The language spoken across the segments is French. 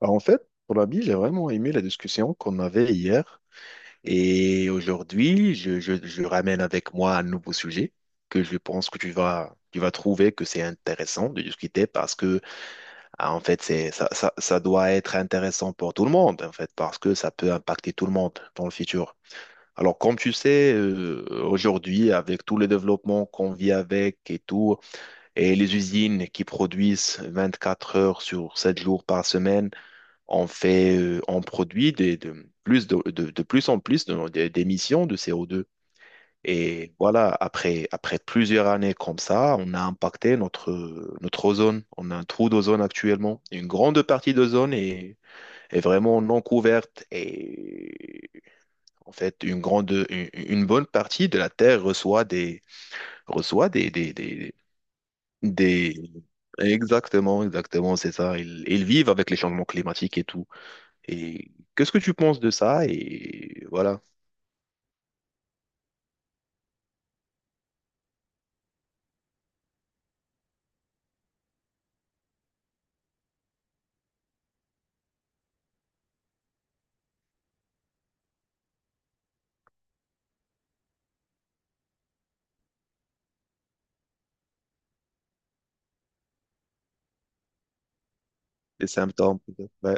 Pour la vie, j'ai vraiment aimé la discussion qu'on avait hier. Et aujourd'hui, je ramène avec moi un nouveau sujet que je pense que tu vas trouver que c'est intéressant de discuter parce que, c'est, ça doit être intéressant pour tout le monde, en fait, parce que ça peut impacter tout le monde dans le futur. Alors, comme tu sais, aujourd'hui, avec tous les développements qu'on vit avec et tout, et les usines qui produisent 24 heures sur 7 jours par semaine, on produit de plus en plus d'émissions de CO2. Et voilà, après plusieurs années comme ça, on a impacté notre ozone. On a un trou d'ozone actuellement. Une grande partie d'ozone est vraiment non couverte. Et en fait, une bonne partie de la Terre reçoit des. Exactement, exactement, c'est ça. Ils vivent avec les changements climatiques et tout. Et qu'est-ce que tu penses de ça? Et voilà, les symptômes, peut-être. Ouais,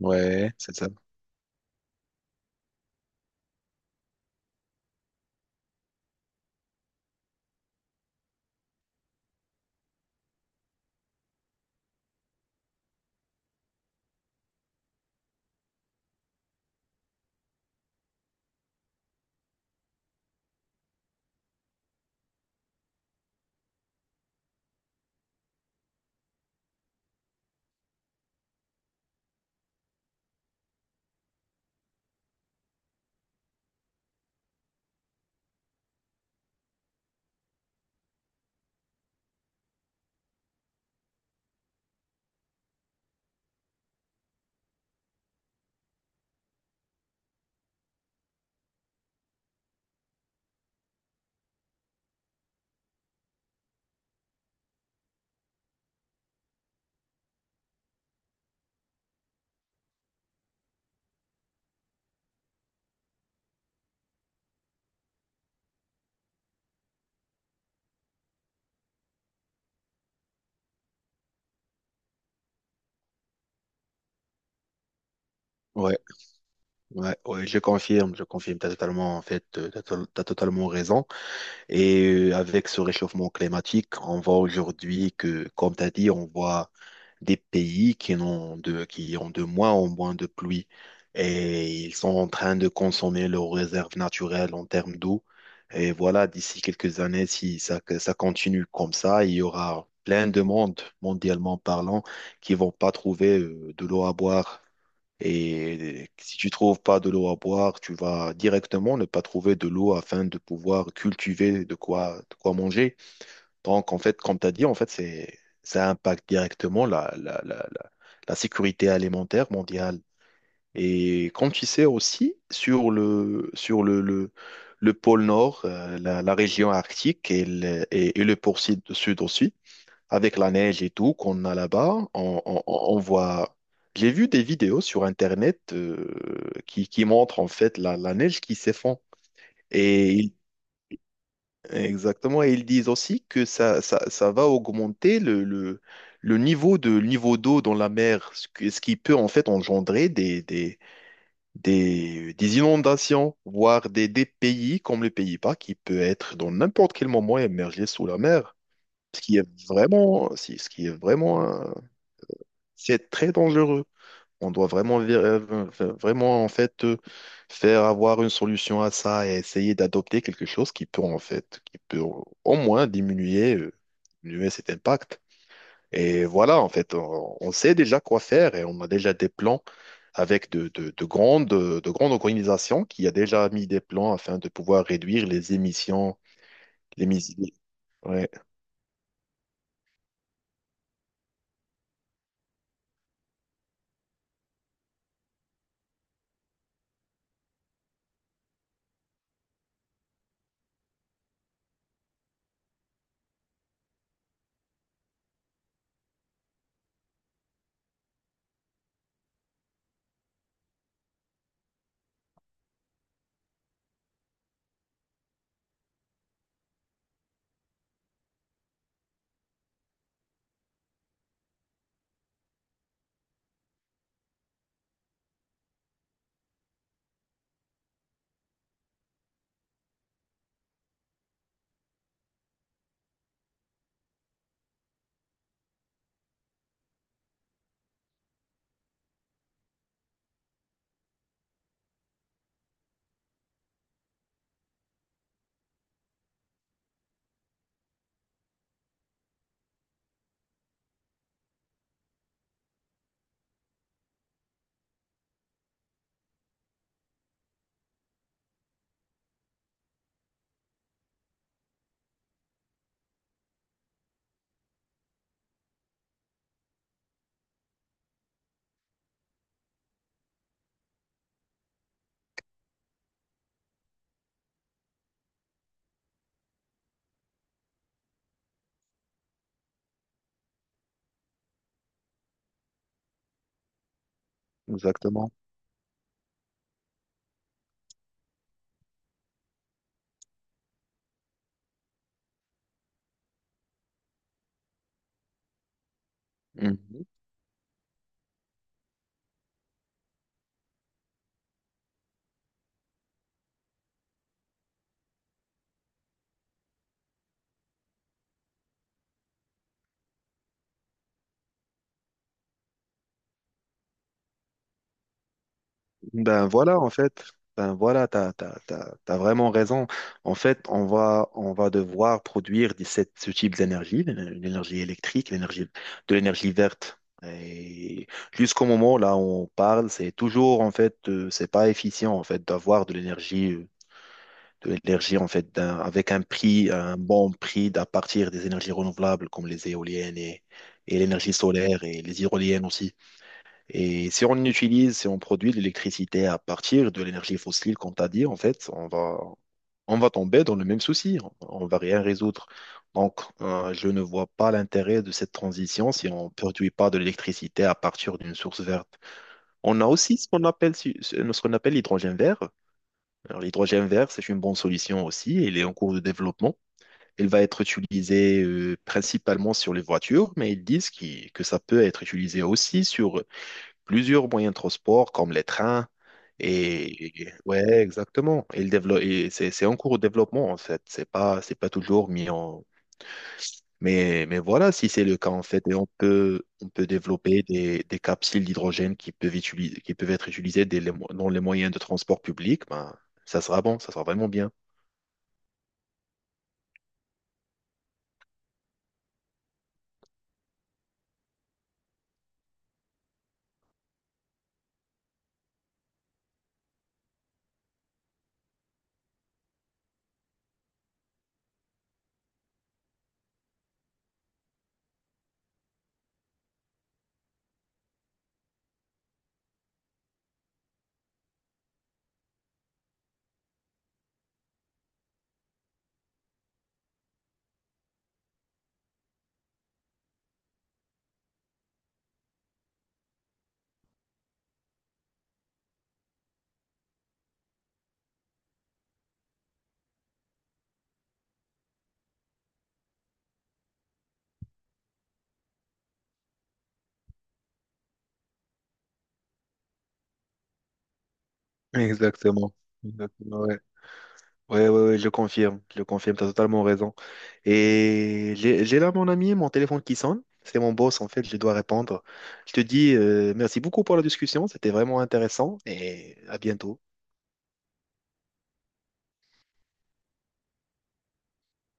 ouais, c'est ça. Ouais, ouais, ouais, je confirme, t'as totalement, en fait, t'as, to- t'as totalement raison. Et avec ce réchauffement climatique, on voit aujourd'hui que, comme t'as dit, on voit des pays qui ont de moins en moins de pluie et ils sont en train de consommer leurs réserves naturelles en termes d'eau. Et voilà, d'ici quelques années, si ça, que ça continue comme ça, il y aura plein de monde, mondialement parlant, qui vont pas trouver de l'eau à boire. Et si tu trouves pas de l'eau à boire, tu vas directement ne pas trouver de l'eau afin de pouvoir cultiver de quoi manger. Donc, en fait, comme tu as dit, en fait, c'est, ça impacte directement la sécurité alimentaire mondiale. Et comme tu sais aussi, le pôle Nord, la région arctique et et le pôle sud aussi, avec la neige et tout qu'on a là-bas, on voit. J'ai vu des vidéos sur Internet qui montrent en fait la neige qui s'effondre. Et exactement, et ils disent aussi que ça va augmenter le niveau le niveau d'eau dans la mer, ce qui peut en fait engendrer des inondations, voire des pays comme le Pays-Bas qui peut être dans n'importe quel moment émergé sous la mer, ce qui est vraiment, si- ce qui est c'est très dangereux. On doit vraiment en fait faire avoir une solution à ça et essayer d'adopter quelque chose qui peut au moins diminuer cet impact. Et voilà, en fait, on sait déjà quoi faire et on a déjà des plans avec de grandes organisations qui a déjà mis des plans afin de pouvoir réduire les émissions. Ouais, exactement. Mmh. Ben voilà, en fait, ben voilà, t'as vraiment raison. En fait, on va devoir produire ce type d'énergie, l'énergie électrique, de l'énergie verte. Et jusqu'au moment là où on parle, c'est toujours, en fait, c'est pas efficient, en fait, de l'énergie, en fait, avec un prix, un bon prix à partir des énergies renouvelables comme les éoliennes et l'énergie solaire et les hydroliennes aussi. Et si on produit de l'électricité à partir de l'énergie fossile, comme tu as dit, en fait, on va tomber dans le même souci. On va rien résoudre. Donc, je ne vois pas l'intérêt de cette transition si on ne produit pas de l'électricité à partir d'une source verte. On a aussi ce qu'on appelle, ce qu'on appelle l'hydrogène vert. Alors, l'hydrogène vert, c'est une bonne solution aussi. Il est en cours de développement. Il va être utilisé principalement sur les voitures, mais ils disent que ça peut être utilisé aussi sur plusieurs moyens de transport comme les trains. Ouais, exactement. Il développe, c'est en cours de développement en fait. C'est pas toujours mis en, mais voilà, si c'est le cas, en fait, et on peut développer des capsules d'hydrogène qui peuvent être utilisées dans les moyens de transport public, ben, ça sera vraiment bien. Exactement. Exactement, ouais. Ouais, ouais, ouais, je confirme, tu as totalement raison. Et j'ai là mon ami, mon téléphone qui sonne. C'est mon boss, en fait, je dois répondre. Je te dis merci beaucoup pour la discussion, c'était vraiment intéressant et à bientôt.